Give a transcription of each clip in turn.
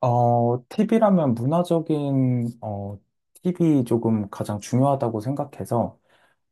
팁이라면 문화적인, 팁이 조금 가장 중요하다고 생각해서,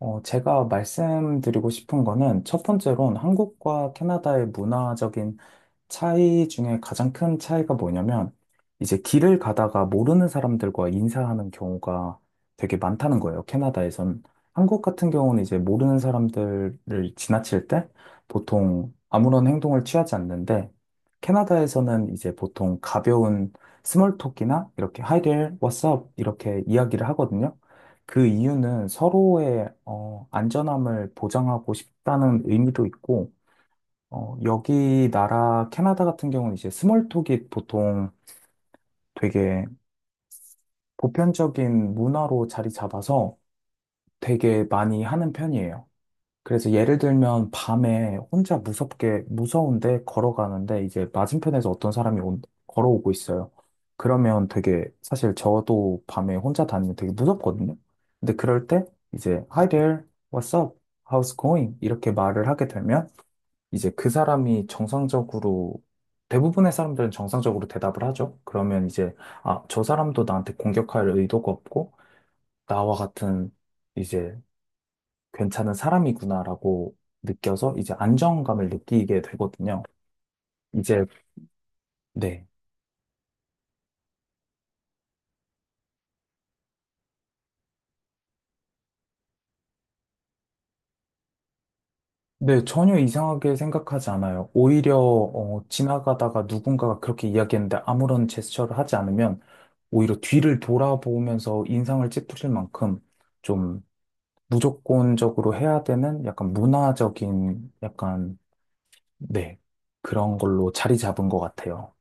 제가 말씀드리고 싶은 거는 첫 번째로는 한국과 캐나다의 문화적인 차이 중에 가장 큰 차이가 뭐냐면, 이제 길을 가다가 모르는 사람들과 인사하는 경우가 되게 많다는 거예요, 캐나다에선. 한국 같은 경우는 이제 모르는 사람들을 지나칠 때 보통 아무런 행동을 취하지 않는데, 캐나다에서는 이제 보통 가벼운 스몰톡이나 이렇게 Hi there, what's up? 이렇게 이야기를 하거든요. 그 이유는 서로의 안전함을 보장하고 싶다는 의미도 있고, 여기 나라 캐나다 같은 경우는 이제 스몰톡이 보통 되게 보편적인 문화로 자리 잡아서 되게 많이 하는 편이에요. 그래서 예를 들면 밤에 혼자 무섭게 무서운데 걸어가는데 이제 맞은편에서 어떤 사람이 걸어오고 있어요. 그러면 되게 사실 저도 밤에 혼자 다니면 되게 무섭거든요. 근데 그럴 때 이제 Hi there, what's up, how's going 이렇게 말을 하게 되면 이제 그 사람이 정상적으로 대부분의 사람들은 정상적으로 대답을 하죠. 그러면 이제 아, 저 사람도 나한테 공격할 의도가 없고 나와 같은 이제 괜찮은 사람이구나라고 느껴서 이제 안정감을 느끼게 되거든요. 이제 네. 네, 전혀 이상하게 생각하지 않아요. 오히려 지나가다가 누군가가 그렇게 이야기했는데 아무런 제스처를 하지 않으면 오히려 뒤를 돌아보면서 인상을 찌푸릴 만큼 좀 무조건적으로 해야 되는 약간 문화적인 약간, 네, 그런 걸로 자리 잡은 것 같아요.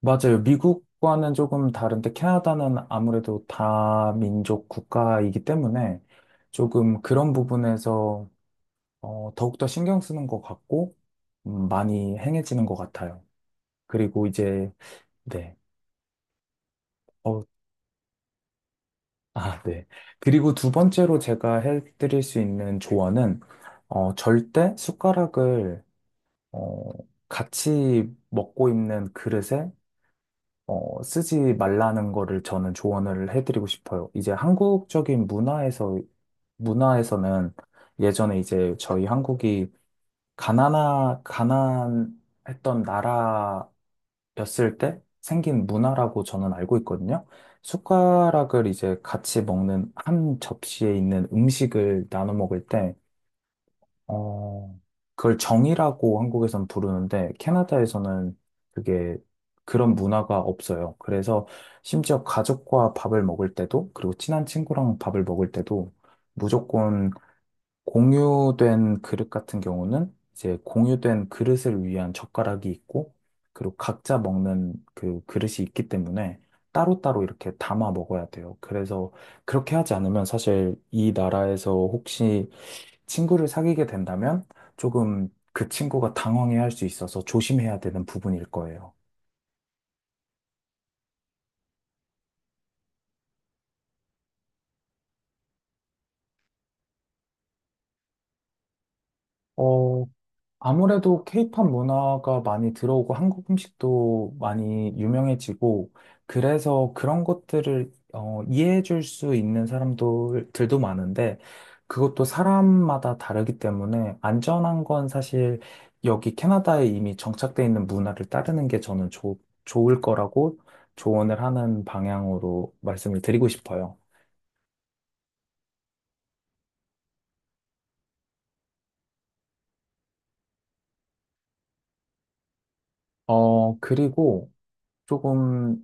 맞아요. 미국과는 조금 다른데 캐나다는 아무래도 다민족 국가이기 때문에 조금 그런 부분에서 더욱더 신경 쓰는 것 같고 많이 행해지는 것 같아요. 그리고 이제, 네. 어, 아, 네. 그리고 두 번째로 제가 해드릴 수 있는 조언은 절대 숟가락을 어, 같이 먹고 있는 그릇에 쓰지 말라는 거를 저는 조언을 해드리고 싶어요. 이제 한국적인 문화에서는 예전에 이제 저희 한국이 가난하 가난했던 나라였을 때 생긴 문화라고 저는 알고 있거든요. 숟가락을 이제 같이 먹는 한 접시에 있는 음식을 나눠 먹을 때 어, 그걸 정이라고 한국에선 부르는데 캐나다에서는 그게 그런 문화가 없어요. 그래서 심지어 가족과 밥을 먹을 때도 그리고 친한 친구랑 밥을 먹을 때도 무조건 공유된 그릇 같은 경우는 이제 공유된 그릇을 위한 젓가락이 있고 그리고 각자 먹는 그 그릇이 있기 때문에 따로따로 이렇게 담아 먹어야 돼요. 그래서 그렇게 하지 않으면 사실 이 나라에서 혹시 친구를 사귀게 된다면 조금 그 친구가 당황해 할 수 있어서 조심해야 되는 부분일 거예요. 어, 아무래도 케이팝 문화가 많이 들어오고 한국 음식도 많이 유명해지고 그래서 그런 것들을 이해해 줄 수 있는 사람들도 많은데 그것도 사람마다 다르기 때문에 안전한 건 사실 여기 캐나다에 이미 정착돼 있는 문화를 따르는 게 저는 좋 좋을 거라고 조언을 하는 방향으로 말씀을 드리고 싶어요. 그리고 조금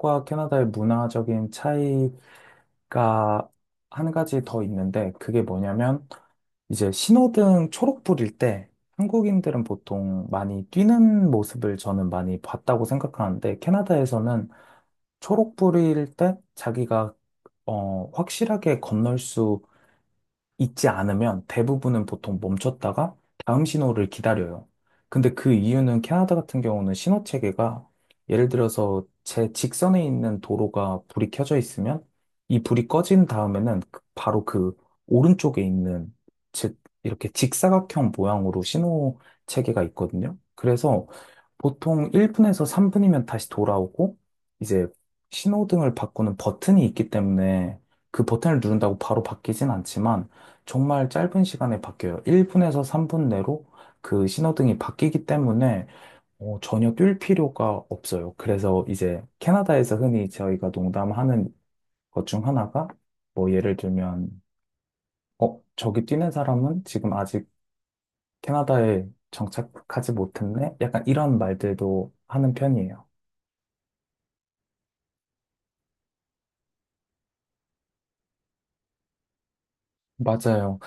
한국과 캐나다의 문화적인 차이 가 한 가지 더 있는데 그게 뭐냐면 이제 신호등 초록불일 때 한국인들은 보통 많이 뛰는 모습을 저는 많이 봤다고 생각하는데 캐나다에서는 초록불일 때 자기가 확실하게 건널 수 있지 않으면 대부분은 보통 멈췄다가 다음 신호를 기다려요. 근데 그 이유는 캐나다 같은 경우는 신호 체계가 예를 들어서 제 직선에 있는 도로가 불이 켜져 있으면 이 불이 꺼진 다음에는 바로 그 오른쪽에 있는 즉 이렇게 직사각형 모양으로 신호 체계가 있거든요. 그래서 보통 1분에서 3분이면 다시 돌아오고, 이제 신호등을 바꾸는 버튼이 있기 때문에 그 버튼을 누른다고 바로 바뀌진 않지만, 정말 짧은 시간에 바뀌어요. 1분에서 3분 내로 그 신호등이 바뀌기 때문에 전혀 뛸 필요가 없어요. 그래서 이제 캐나다에서 흔히 저희가 농담하는 것 중 하나가, 뭐 예를 들면, 저기 뛰는 사람은 지금 아직 캐나다에 정착하지 못했네? 약간 이런 말들도 하는 편이에요. 맞아요.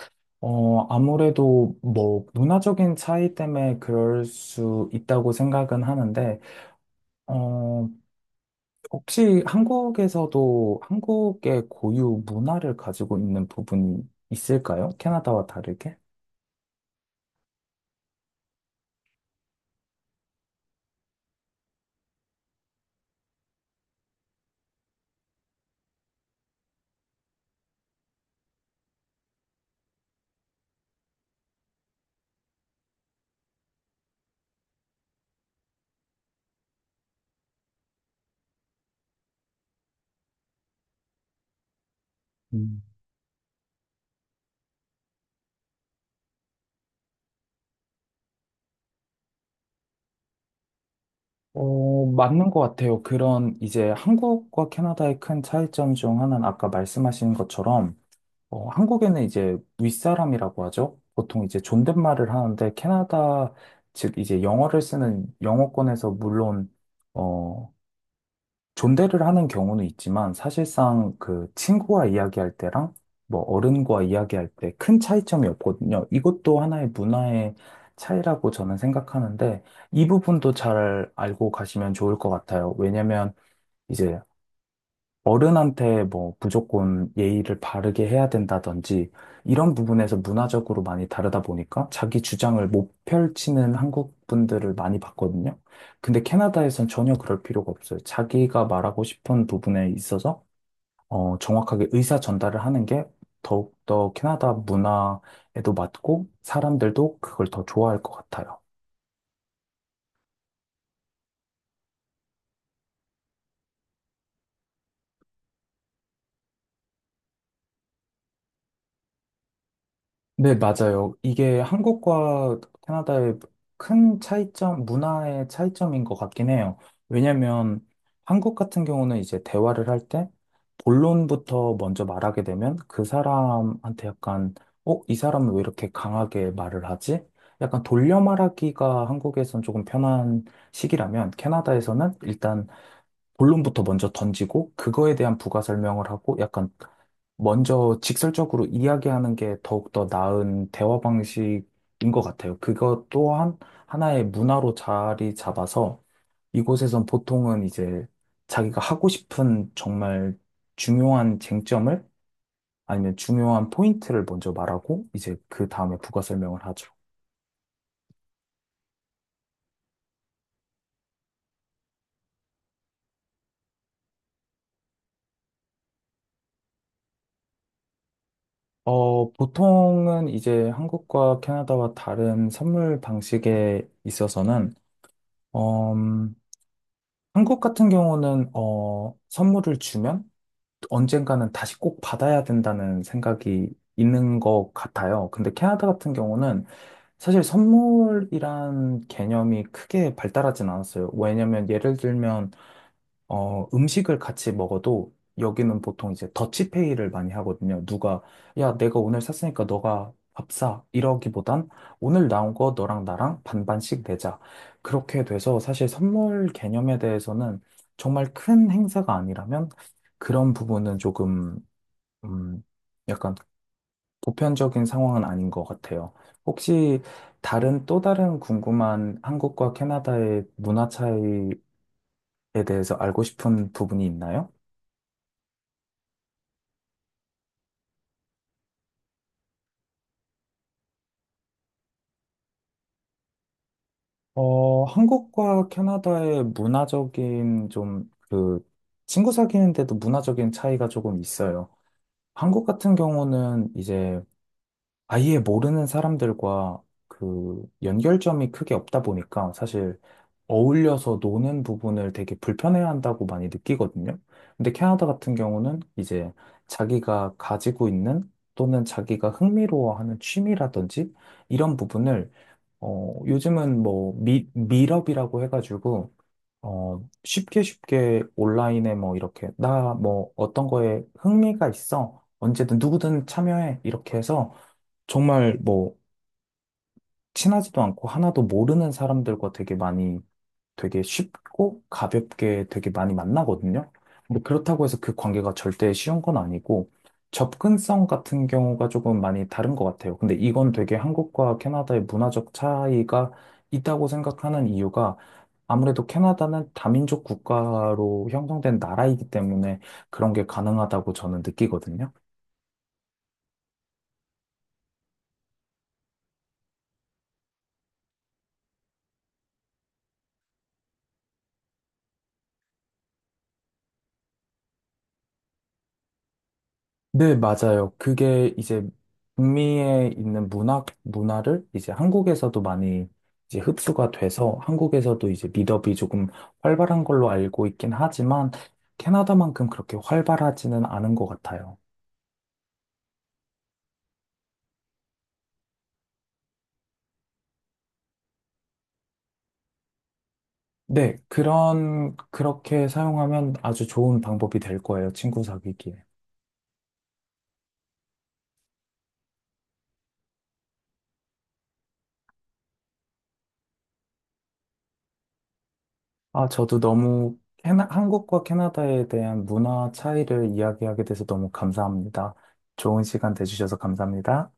아무래도 뭐 문화적인 차이 때문에 그럴 수 있다고 생각은 하는데, 어, 혹시 한국에서도 한국의 고유 문화를 가지고 있는 부분이 있을까요? 캐나다와 다르게? 음. 맞는 것 같아요. 그런 이제 한국과 캐나다의 큰 차이점 중 하나는 아까 말씀하신 것처럼 한국에는 이제 윗사람이라고 하죠. 보통 이제 존댓말을 하는데 캐나다 즉 이제 영어를 쓰는 영어권에서 물론 어, 존대를 하는 경우는 있지만 사실상 그 친구와 이야기할 때랑 뭐 어른과 이야기할 때 큰 차이점이 없거든요. 이것도 하나의 문화의 차이라고 저는 생각하는데 이 부분도 잘 알고 가시면 좋을 것 같아요. 왜냐면 이제 어른한테 뭐 무조건 예의를 바르게 해야 된다든지 이런 부분에서 문화적으로 많이 다르다 보니까 자기 주장을 못 펼치는 한국 분들을 많이 봤거든요. 근데 캐나다에선 전혀 그럴 필요가 없어요. 자기가 말하고 싶은 부분에 있어서 정확하게 의사 전달을 하는 게 더욱더 캐나다 문화에도 맞고 사람들도 그걸 더 좋아할 것 같아요. 네, 맞아요. 이게 한국과 캐나다의 큰 차이점, 문화의 차이점인 것 같긴 해요. 왜냐면 한국 같은 경우는 이제 대화를 할 때 본론부터 먼저 말하게 되면 그 사람한테 약간, 이 사람은 왜 이렇게 강하게 말을 하지? 약간 돌려 말하기가 한국에선 조금 편한 식이라면 캐나다에서는 일단 본론부터 먼저 던지고 그거에 대한 부가 설명을 하고 약간 먼저 직설적으로 이야기하는 게 더욱더 나은 대화 방식인 것 같아요. 그것 또한 하나의 문화로 자리 잡아서 이곳에선 보통은 이제 자기가 하고 싶은 정말 중요한 쟁점을 아니면 중요한 포인트를 먼저 말하고 이제 그 다음에 부가 설명을 하죠. 보통은 이제 한국과 캐나다와 다른 선물 방식에 있어서는 음, 한국 같은 경우는 선물을 주면 언젠가는 다시 꼭 받아야 된다는 생각이 있는 것 같아요. 근데 캐나다 같은 경우는 사실 선물이란 개념이 크게 발달하진 않았어요. 왜냐면 예를 들면 음식을 같이 먹어도 여기는 보통 이제 더치페이를 많이 하거든요. 누가, 야, 내가 오늘 샀으니까 너가 밥 사. 이러기보단 오늘 나온 거 너랑 나랑 반반씩 내자. 그렇게 돼서 사실 선물 개념에 대해서는 정말 큰 행사가 아니라면 그런 부분은 조금, 음, 약간 보편적인 상황은 아닌 것 같아요. 혹시 다른 또 다른 궁금한 한국과 캐나다의 문화 차이에 대해서 알고 싶은 부분이 있나요? 한국과 캐나다의 문화적인 좀 그 친구 사귀는데도 문화적인 차이가 조금 있어요. 한국 같은 경우는 이제 아예 모르는 사람들과 그 연결점이 크게 없다 보니까 사실 어울려서 노는 부분을 되게 불편해한다고 많이 느끼거든요. 근데 캐나다 같은 경우는 이제 자기가 가지고 있는 또는 자기가 흥미로워하는 취미라든지 이런 부분을 요즘은 뭐, 밀업이라고 해가지고, 쉽게 쉽게 온라인에 뭐, 이렇게, 나 뭐, 어떤 거에 흥미가 있어. 언제든 누구든 참여해. 이렇게 해서, 정말 뭐, 친하지도 않고 하나도 모르는 사람들과 되게 쉽고 가볍게 되게 많이 만나거든요. 근데 그렇다고 해서 그 관계가 절대 쉬운 건 아니고 접근성 같은 경우가 조금 많이 다른 것 같아요. 근데 이건 되게 한국과 캐나다의 문화적 차이가 있다고 생각하는 이유가 아무래도 캐나다는 다민족 국가로 형성된 나라이기 때문에 그런 게 가능하다고 저는 느끼거든요. 네, 맞아요. 그게 이제 북미에 있는 문화를 이제 한국에서도 많이 이제 흡수가 돼서 한국에서도 이제 미덕이 조금 활발한 걸로 알고 있긴 하지만 캐나다만큼 그렇게 활발하지는 않은 것 같아요. 네, 그렇게 사용하면 아주 좋은 방법이 될 거예요. 친구 사귀기에. 아, 저도 너무 한국과 캐나다에 대한 문화 차이를 이야기하게 돼서 너무 감사합니다. 좋은 시간 되주셔서 감사합니다.